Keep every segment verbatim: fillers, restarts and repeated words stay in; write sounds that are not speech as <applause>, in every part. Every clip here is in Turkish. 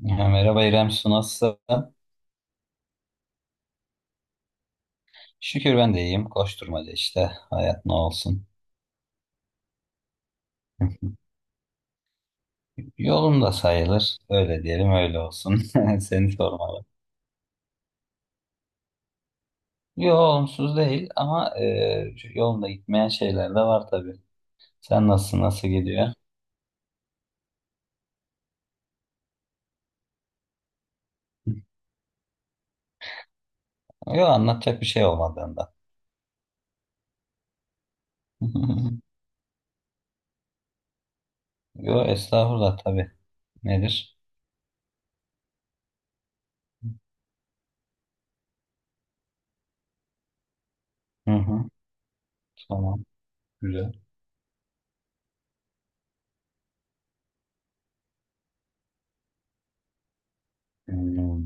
Ya, merhaba İrem Su nasılsın? Şükür ben de iyiyim. Koşturmaca işte. Hayat ne olsun. <laughs> Yolunda sayılır. Öyle diyelim öyle olsun. <laughs> Seni sormalı. Yo, olumsuz değil ama e, yolunda gitmeyen şeyler de var tabii. Sen nasılsın? Nasıl gidiyor? Yo, anlatacak bir şey olmadığından. <laughs> Yo, estağfurullah tabii. Nedir? Hı hı, tamam. Güzel. Hmm.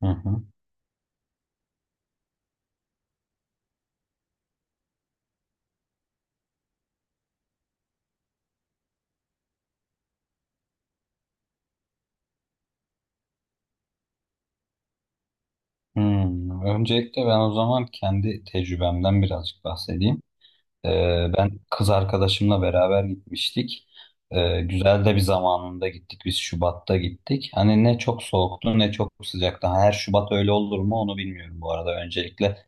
Hı hı. Hmm. Öncelikle ben o zaman kendi tecrübemden birazcık bahsedeyim. Ee, ben kız arkadaşımla beraber gitmiştik. Ee, güzel de bir zamanında gittik. Biz Şubat'ta gittik. Hani ne çok soğuktu ne çok sıcaktı. Her Şubat öyle olur mu onu bilmiyorum bu arada. Öncelikle.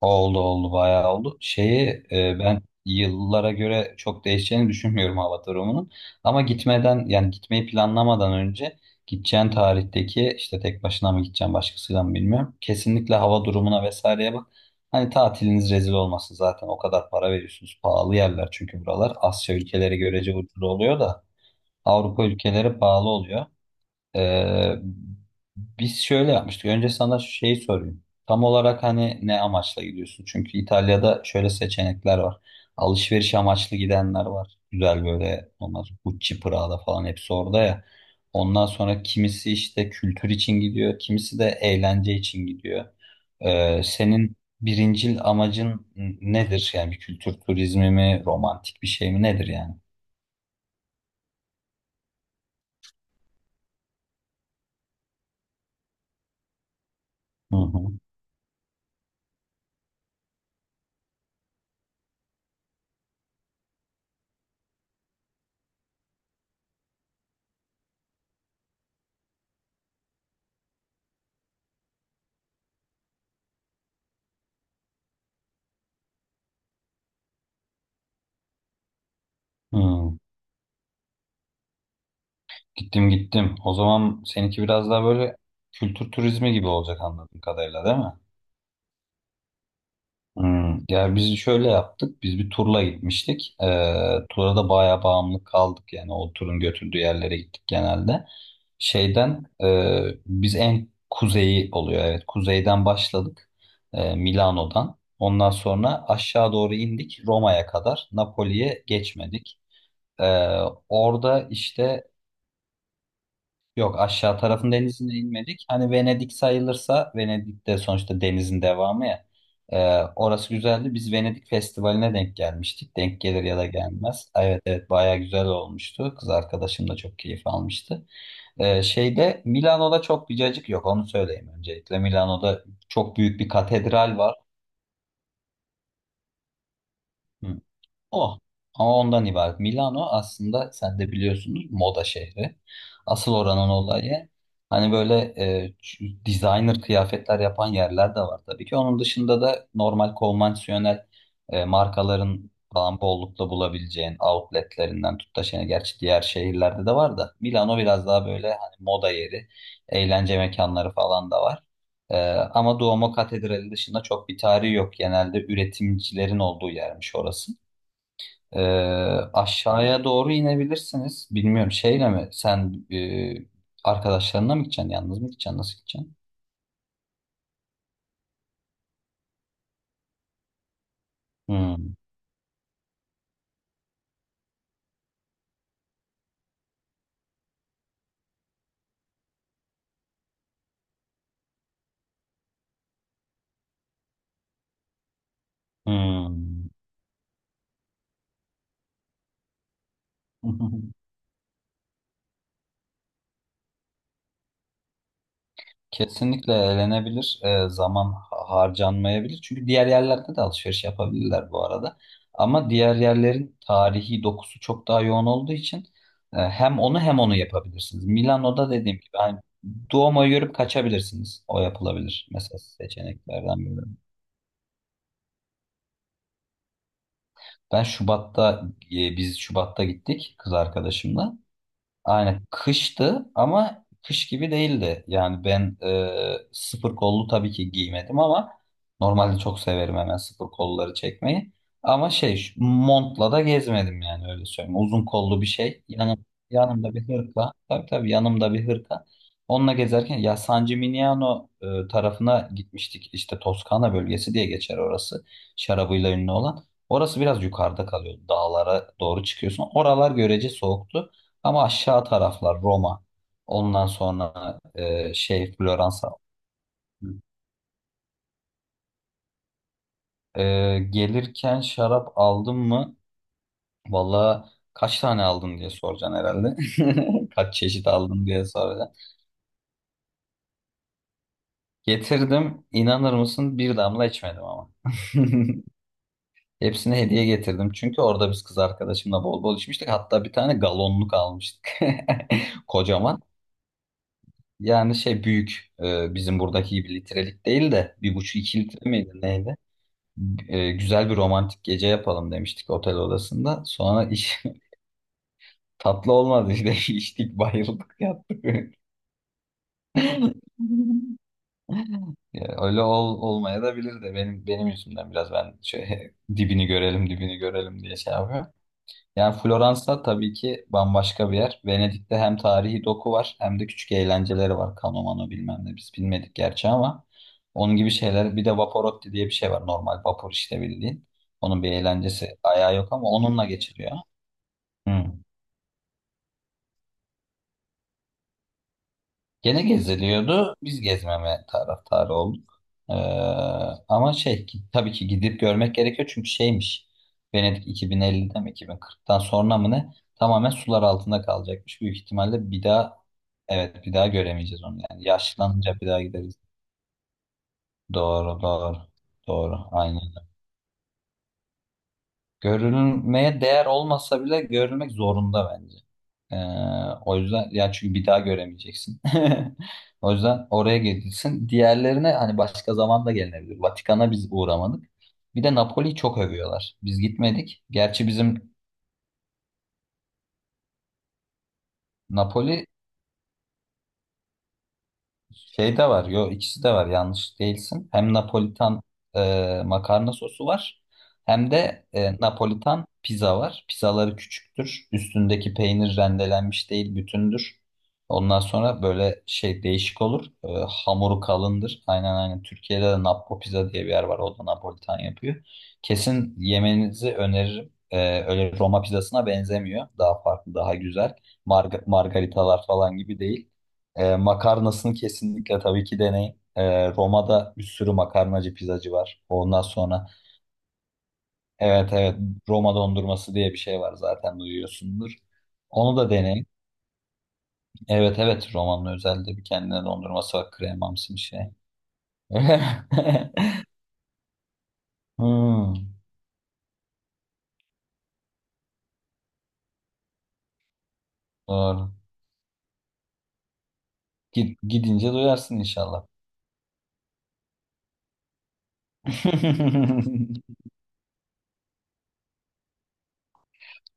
Oldu oldu, bayağı oldu. Şeyi e, ben yıllara göre çok değişeceğini düşünmüyorum Avatar romanın. Ama gitmeden yani gitmeyi planlamadan önce gideceğin tarihteki işte tek başına mı gideceğim başkasıyla mı bilmiyorum. Kesinlikle hava durumuna vesaireye bak. Hani tatiliniz rezil olmasın zaten o kadar para veriyorsunuz. Pahalı yerler çünkü buralar. Asya ülkeleri görece ucuz oluyor da Avrupa ülkeleri pahalı oluyor. Ee, biz şöyle yapmıştık. Önce sana şeyi sorayım. Tam olarak hani ne amaçla gidiyorsun? Çünkü İtalya'da şöyle seçenekler var. Alışveriş amaçlı gidenler var. Güzel böyle olmaz. Gucci, Prada falan hepsi orada ya. Ondan sonra kimisi işte kültür için gidiyor. Kimisi de eğlence için gidiyor. Ee, senin birincil amacın n- nedir? Yani bir kültür turizmi mi, romantik bir şey mi nedir yani? Hı hı. Hı. Gittim gittim. O zaman seninki biraz daha böyle kültür turizmi gibi olacak anladığım kadarıyla, değil mi? Hmm. Ya, biz şöyle yaptık. Biz bir turla gitmiştik. Ee, tura da bayağı bağımlı kaldık. Yani o turun götürdüğü yerlere gittik genelde. Şeyden e, biz en kuzeyi oluyor. Evet, kuzeyden başladık. Ee, Milano'dan. Ondan sonra aşağı doğru indik Roma'ya kadar. Napoli'ye geçmedik. Ee, orada işte, yok, aşağı tarafın denizine inmedik. Hani Venedik sayılırsa Venedik de sonuçta denizin devamı ya. Ee, orası güzeldi. Biz Venedik Festivali'ne denk gelmiştik. Denk gelir ya da gelmez. Evet evet, bayağı güzel olmuştu. Kız arkadaşım da çok keyif almıştı. Ee, şeyde Milano'da çok bir cacık yok onu söyleyeyim öncelikle. Milano'da çok büyük bir katedral var. Hı. O. Ama ondan ibaret. Milano aslında sen de biliyorsunuz moda şehri. Asıl oranın olayı hani böyle, e, ç- designer kıyafetler yapan yerler de var tabii ki. Onun dışında da normal konvansiyonel e, markaların falan bollukla bulabileceğin outletlerinden tut da şey, gerçi diğer şehirlerde de var da Milano biraz daha böyle hani moda yeri, eğlence mekanları falan da var. Ee, ama Duomo Katedrali dışında çok bir tarihi yok. Genelde üretimcilerin olduğu yermiş orası. Ee, aşağıya doğru inebilirsiniz. Bilmiyorum, şeyle mi sen e, arkadaşlarına mı gideceksin? Yalnız mı gideceksin? Nasıl gideceksin? Hmm. Hmm. <laughs> Kesinlikle eğlenebilir. Ee, zaman ha- harcanmayabilir. Çünkü diğer yerlerde de alışveriş yapabilirler bu arada. Ama diğer yerlerin tarihi dokusu çok daha yoğun olduğu için e, hem onu hem onu yapabilirsiniz. Milano'da dediğim gibi hani Duomo'yu görüp kaçabilirsiniz. O yapılabilir. Mesela seçeneklerden biri. Ben Şubat'ta e, biz Şubat'ta gittik kız arkadaşımla. Aynen, kıştı ama kış gibi değildi. Yani ben e, sıfır kollu tabii ki giymedim ama normalde çok severim hemen sıfır kolları çekmeyi. Ama şey, şu montla da gezmedim yani, öyle söyleyeyim. Uzun kollu bir şey. Yanım, yanımda bir hırka. Tabii tabii, yanımda bir hırka. Onunla gezerken ya San Gimignano e, tarafına gitmiştik. İşte Toskana bölgesi diye geçer orası. Şarabıyla ünlü olan. Orası biraz yukarıda kalıyor. Dağlara doğru çıkıyorsun. Oralar görece soğuktu. Ama aşağı taraflar Roma. Ondan sonra e, şey Floransa. E, gelirken şarap aldın mı? Valla kaç tane aldın diye soracaksın herhalde. <laughs> Kaç çeşit aldın diye soracaksın. Getirdim. İnanır mısın? Bir damla içmedim ama. <laughs> Hepsine hediye getirdim. Çünkü orada biz kız arkadaşımla bol bol içmiştik. Hatta bir tane galonluk almıştık. <laughs> Kocaman. Yani şey, büyük. E, bizim buradaki gibi litrelik değil de bir buçuk iki litre miydi neydi? e, güzel bir romantik gece yapalım demiştik otel odasında. Sonra iş <laughs> tatlı olmadı işte, <laughs> içtik, bayıldık, yattık. <laughs> Ya, öyle ol, olmaya da bilirdi. Benim benim yüzümden biraz, ben şey, <laughs> dibini görelim dibini görelim diye şey yapıyor. Yani Floransa tabii ki bambaşka bir yer. Venedik'te hem tarihi doku var hem de küçük eğlenceleri var. Kano mano bilmem ne, biz bilmedik gerçi, ama onun gibi şeyler. Bir de Vaporotti diye bir şey var, normal vapur işte bildiğin. Onun bir eğlencesi ayağı yok ama onunla geçiriyor. Hı. Gene geziliyordu. Biz gezmeme taraftarı olduk. Ee, ama şey ki- tabii ki gidip görmek gerekiyor çünkü şeymiş. Venedik iki bin ellide mi iki bin kırktan sonra mı ne? Tamamen sular altında kalacakmış. Büyük ihtimalle bir daha, evet, bir daha göremeyeceğiz onu. Yani yaşlanınca bir daha gideriz. Doğru doğru. Doğru. Aynen. Görülmeye değer olmasa bile görülmek zorunda bence. Ee, o yüzden ya, çünkü bir daha göremeyeceksin. <laughs> O yüzden oraya gidilsin. Diğerlerine hani başka zaman da gelinebilir. Vatikan'a biz uğramadık. Bir de Napoli'yi çok övüyorlar. Biz gitmedik. Gerçi bizim. Napoli. Şey de var. Yo, ikisi de var. Yanlış değilsin. Hem Napolitan e, makarna sosu var. Hem de e, Napolitan pizza var. Pizzaları küçüktür. Üstündeki peynir rendelenmiş değil, bütündür. Ondan sonra böyle şey, değişik olur. E, hamuru kalındır. Aynen aynen. Türkiye'de de Nappo Pizza diye bir yer var. O da Napolitan yapıyor. Kesin yemenizi öneririm. E, öyle Roma pizzasına benzemiyor. Daha farklı, daha güzel. Marga- margaritalar falan gibi değil. Ee, makarnasını kesinlikle tabii ki deneyin. Ee, Roma'da bir sürü makarnacı pizzacı var. Ondan sonra, evet evet, Roma dondurması diye bir şey var, zaten duyuyorsundur. Onu da deneyin. Evet evet, Roma'nın özelde bir kendine dondurması var. Kremamsı bir şey. <laughs> Hmm, doğru. Git, gidince duyarsın inşallah. <laughs>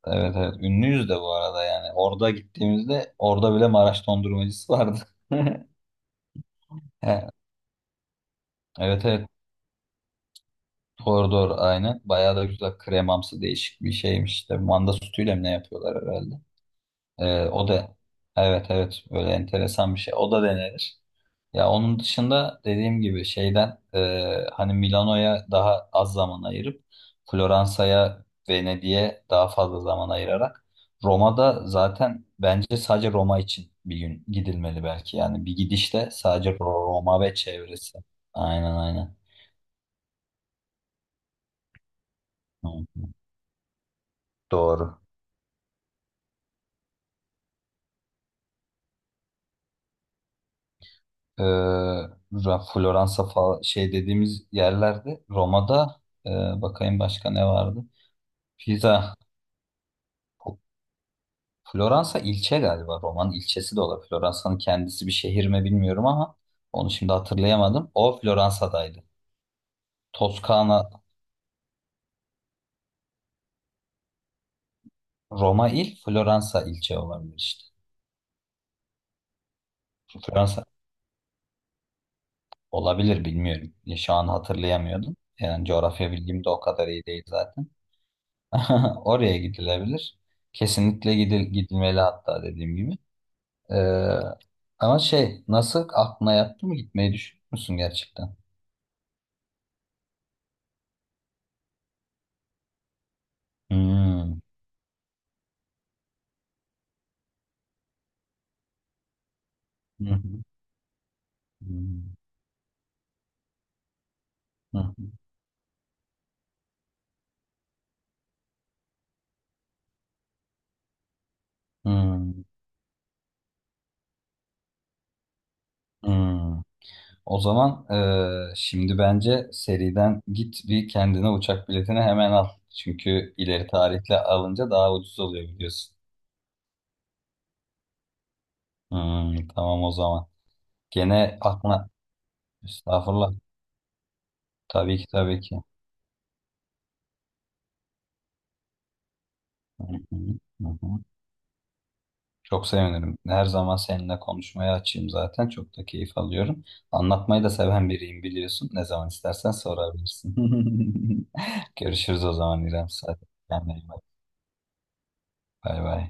Evet evet, ünlüyüz de bu arada yani. Orada gittiğimizde orada bile Maraş dondurmacısı vardı. <laughs> Evet evet. Doğru doğru, aynen. Bayağı da güzel, kremamsı, değişik bir şeymiş. İşte manda sütüyle mi ne yapıyorlar herhalde. Ee, o da, evet evet, böyle enteresan bir şey. O da denenir. Ya onun dışında dediğim gibi şeyden, e, hani Milano'ya daha az zaman ayırıp Floransa'ya, Venedik'e daha fazla zaman ayırarak Roma'da zaten bence sadece Roma için bir gün gidilmeli belki. Yani bir gidişte sadece Roma ve çevresi. Aynen aynen. Hı hı. Doğru. e, Ra- Floransa falan şey dediğimiz yerlerde, Roma'da e, bakayım başka ne vardı? Pisa. F- Floransa ilçe galiba. Roma'nın ilçesi de olabilir. Floransa'nın kendisi bir şehir mi bilmiyorum ama onu şimdi hatırlayamadım. O Floransa'daydı. Toskana. Roma il, Floransa ilçe olabilir işte. Floransa olabilir, bilmiyorum. Ya, şu an hatırlayamıyordum. Yani coğrafya bilgim de o kadar iyi değil zaten. <laughs> Oraya gidilebilir. Kesinlikle gidil gidilmeli hatta, dediğim gibi. Ee, ama şey, nasıl, aklına yattı mı, gitmeyi düşünür müsün gerçekten? Hmm. Hı hı. Hı hı. Hı hı. O zaman, eee, şimdi bence seriden git bir kendine uçak biletini hemen al. Çünkü ileri tarihle alınca daha ucuz oluyor biliyorsun. Hmm, tamam o zaman. Gene aklına, estağfurullah. Tabii ki tabii ki. Hı hı. Hı hı. Çok sevinirim. Her zaman seninle konuşmaya açayım zaten. Çok da keyif alıyorum. Anlatmayı da seven biriyim biliyorsun. Ne zaman istersen sorabilirsin. <laughs> Görüşürüz o zaman İrem. Hadi kendine iyi bak. Bay bay.